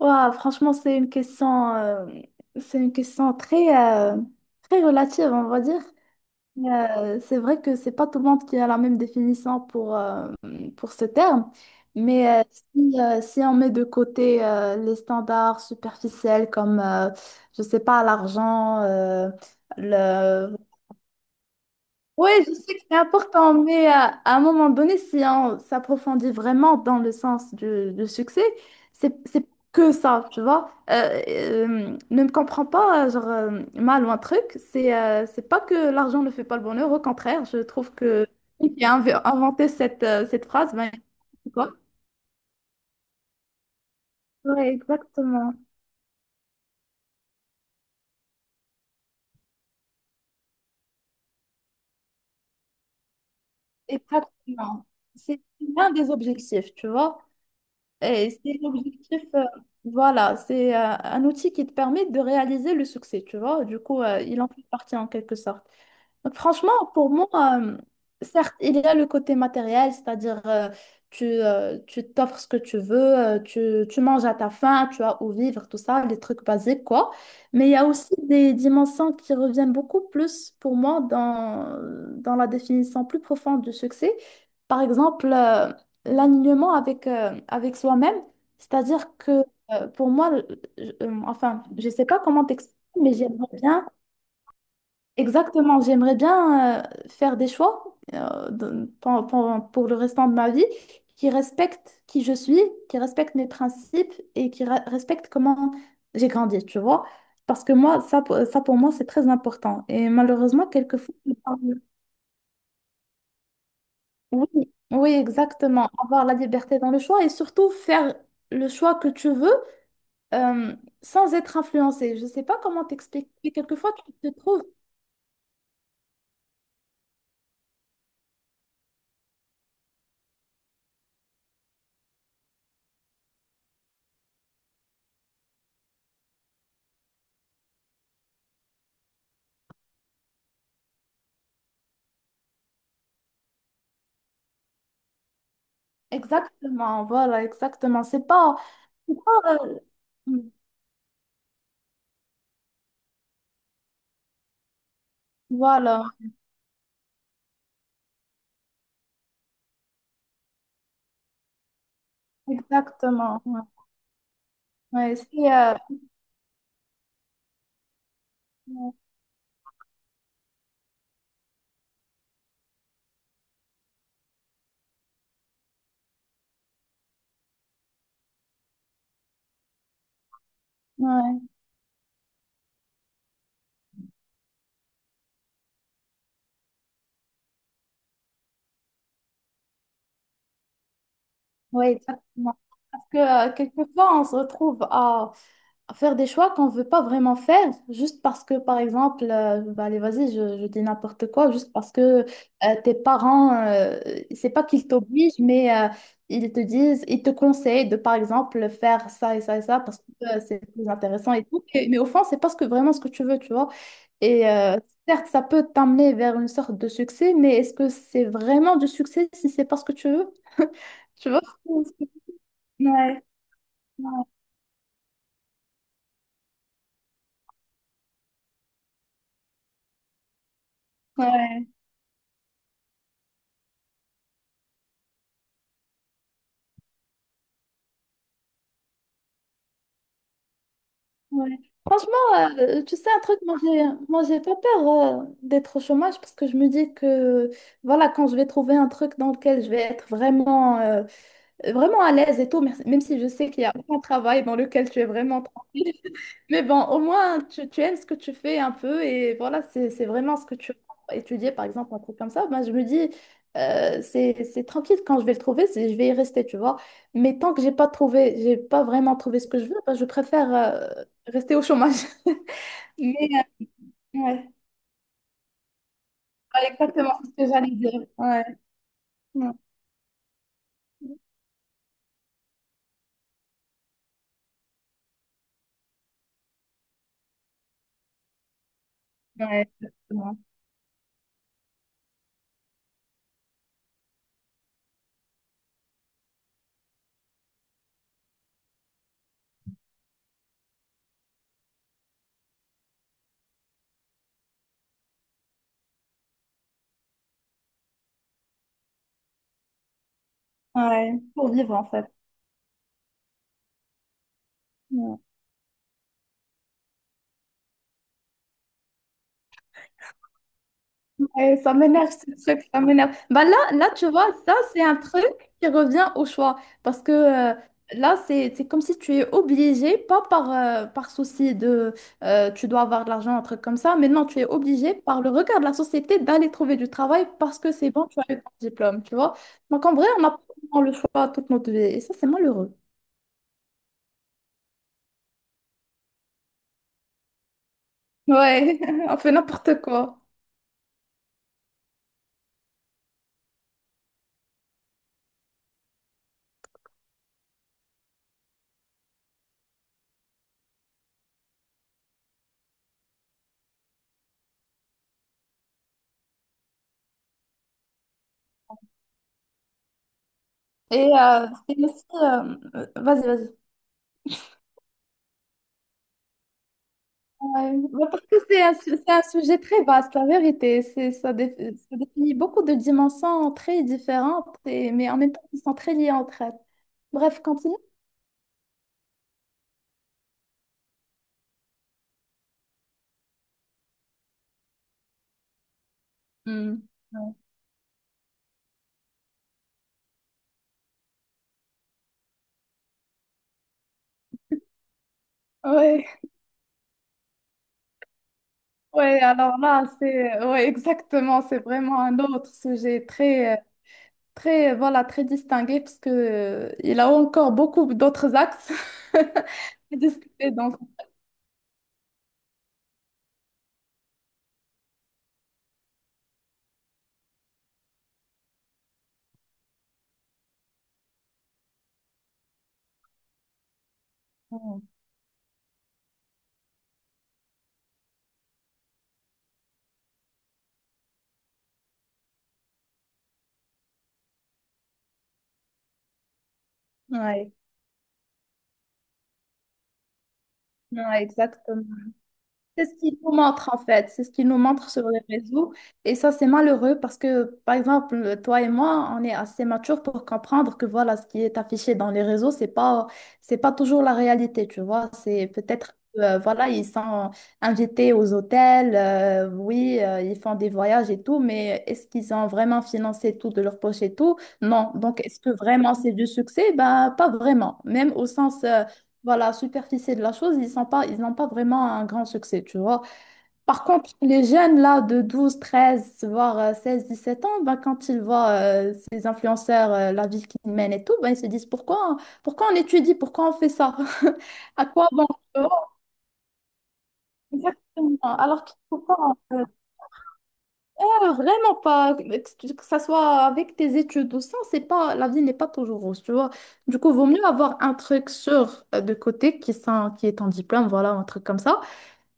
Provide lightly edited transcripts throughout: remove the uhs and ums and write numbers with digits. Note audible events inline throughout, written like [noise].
Ouah, franchement, c'est une question très, très relative, on va dire. C'est vrai que c'est pas tout le monde qui a la même définition pour ce terme, mais si, si on met de côté les standards superficiels comme, je sais pas, l'argent, oui, je sais que c'est important, mais à, un moment donné, si on s'approfondit vraiment dans le sens du succès, c'est que ça, tu vois. Ne me comprends pas, genre, mal ou un truc, c'est pas que l'argent ne fait pas le bonheur, au contraire, je trouve que celui qui a inventé cette, cette phrase, ben, c'est quoi? Oui, exactement. Exactement. C'est l'un des objectifs, tu vois. Et c'est l'objectif, voilà, c'est un outil qui te permet de réaliser le succès, tu vois. Du coup, il en fait partie en quelque sorte. Donc, franchement, pour moi, euh, certes, il y a le côté matériel, c'est-à-dire tu t'offres ce que tu veux, tu manges à ta faim, tu as où vivre, tout ça, les trucs basiques, quoi. Mais il y a aussi des dimensions qui reviennent beaucoup plus pour moi dans la définition plus profonde du succès. Par exemple, l'alignement avec, avec soi-même, c'est-à-dire que pour moi, enfin, je ne sais pas comment t'expliquer, mais j'aimerais bien. Exactement, j'aimerais bien faire des choix pour le restant de ma vie qui respectent qui je suis, qui respectent mes principes et qui respectent comment j'ai grandi, tu vois. Parce que moi, ça pour moi, c'est très important. Et malheureusement, quelquefois, oui, oui, exactement, avoir la liberté dans le choix et surtout faire le choix que tu veux euh, sans être influencé. Je ne sais pas comment t'expliquer. Quelquefois, tu te trouves. Exactement, voilà, exactement. C'est pas, mm, voilà, exactement. Ouais, ouais, c'est, euh, ouais, ouais, exactement. Parce que quelquefois, on se retrouve à faire des choix qu'on ne veut pas vraiment faire, juste parce que, par exemple, bah, allez, vas-y, je dis n'importe quoi, juste parce que tes parents, c'est pas qu'ils t'obligent, mais ils te disent, ils te conseillent de, par exemple, faire ça et ça et ça, parce que c'est plus intéressant et tout. Et mais au fond, c'est pas ce que, vraiment ce que tu veux, tu vois. Et certes, ça peut t'amener vers une sorte de succès, mais est-ce que c'est vraiment du succès si c'est pas ce que tu veux? [laughs] Tu vois? Ouais, ouais, ouais. Ouais. Franchement, tu sais, un truc, moi, j'ai pas peur d'être au chômage parce que je me dis que, voilà, quand je vais trouver un truc dans lequel je vais être vraiment, vraiment à l'aise et tout, même si je sais qu'il y a aucun travail dans lequel tu es vraiment tranquille, mais bon, au moins, tu aimes ce que tu fais un peu et voilà, c'est vraiment ce que tu as étudié, par exemple, un truc comme ça. Ben, je me dis, c'est tranquille quand je vais le trouver, c'est, je vais y rester, tu vois. Mais tant que j'ai pas trouvé, j'ai pas vraiment trouvé ce que je veux, ben, je préfère rester au chômage. [laughs] Mais, euh, ouais, ouais, exactement, c'est ce que j'allais dire. Ouais, ouais, ouais, exactement. Ouais, pour vivre en fait. Ouais. Eh, ça m'énerve ce truc, ça m'énerve. Bah là, là, tu vois, ça, c'est un truc qui revient au choix. Parce que là, c'est comme si tu es obligé, pas par, par souci de tu dois avoir de l'argent, un truc comme ça, mais non, tu es obligé par le regard de la société d'aller trouver du travail parce que c'est bon, tu as eu ton diplôme, tu vois. Donc en vrai, on n'a pas vraiment le choix toute notre vie. Et ça, c'est malheureux. Ouais, [laughs] on fait n'importe quoi. Et vas-y, vas-y. Ouais, bah, parce que c'est un, c'est un sujet très vaste, la vérité. Ça définit beaucoup de dimensions très différentes, et, mais en même temps, qui sont très liées entre elles. Bref, continue. Hmm. Ouais, ouais, alors là, exactement, c'est vraiment un autre sujet très, très, voilà, très distingué, parce que, il a encore beaucoup d'autres axes [laughs] à discuter dans ce- Ouais, ouais, exactement. C'est ce qu'ils nous montrent en fait, c'est ce qu'ils nous montrent sur les réseaux. Et ça, c'est malheureux parce que, par exemple, toi et moi, on est assez matures pour comprendre que voilà, ce qui est affiché dans les réseaux, c'est pas toujours la réalité, tu vois. C'est peut-être, voilà, ils sont invités aux hôtels, oui, ils font des voyages et tout, mais est-ce qu'ils ont vraiment financé tout de leur poche et tout? Non. Donc, est-ce que vraiment c'est du succès? Ben, pas vraiment. Même au sens voilà, superficie de la chose, ils n'ont pas vraiment un grand succès, tu vois. Par contre, les jeunes là de 12 13 voire 17 ans, ben, quand ils voient ces influenceurs, la vie qu'ils mènent et tout, ben, ils se disent pourquoi on étudie, pourquoi on fait ça? [laughs] À quoi bon? Tu vois. Exactement. Alors qu'il faut pas, euh, pas vraiment pas, que ça soit avec tes études ou sans, c'est pas, la vie n'est pas toujours rose, tu vois. Du coup, vaut mieux avoir un truc sûr de côté qui est en diplôme, voilà, un truc comme ça.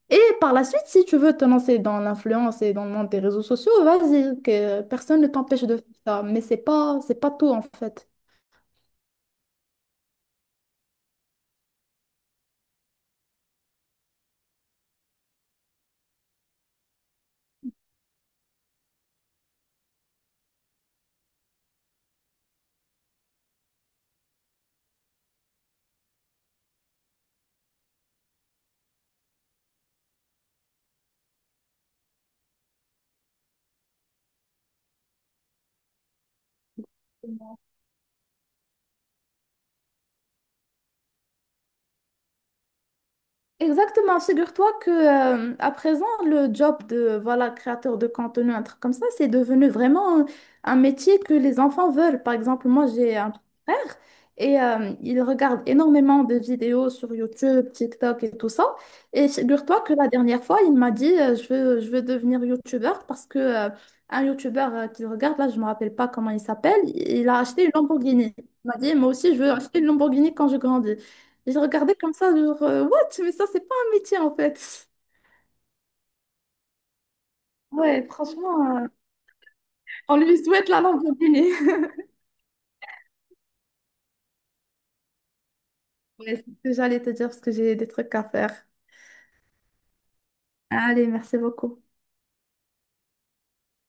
Et par la suite, si tu veux te lancer dans l'influence et dans le monde des réseaux sociaux, vas-y, que personne ne t'empêche de faire ça. Mais c'est pas tout en fait. Exactement, figure-toi que à présent le job de voilà créateur de contenu un truc comme ça, c'est devenu vraiment un métier que les enfants veulent. Par exemple, moi j'ai un frère et il regarde énormément de vidéos sur YouTube, TikTok et tout ça. Et figure-toi que la dernière fois, il m'a dit je veux devenir YouTubeur parce que un YouTubeur qu'il regarde là, je me rappelle pas comment il s'appelle, il a acheté une Lamborghini. Il m'a dit moi aussi je veux acheter une Lamborghini quand je grandis. J'ai regardé comme ça, genre, what? Mais ça, c'est pas un métier en fait. Ouais, franchement, on lui souhaite la lamborghini. [laughs] Ouais, c'est ce que j'allais te dire parce que j'ai des trucs à faire. Allez, merci beaucoup.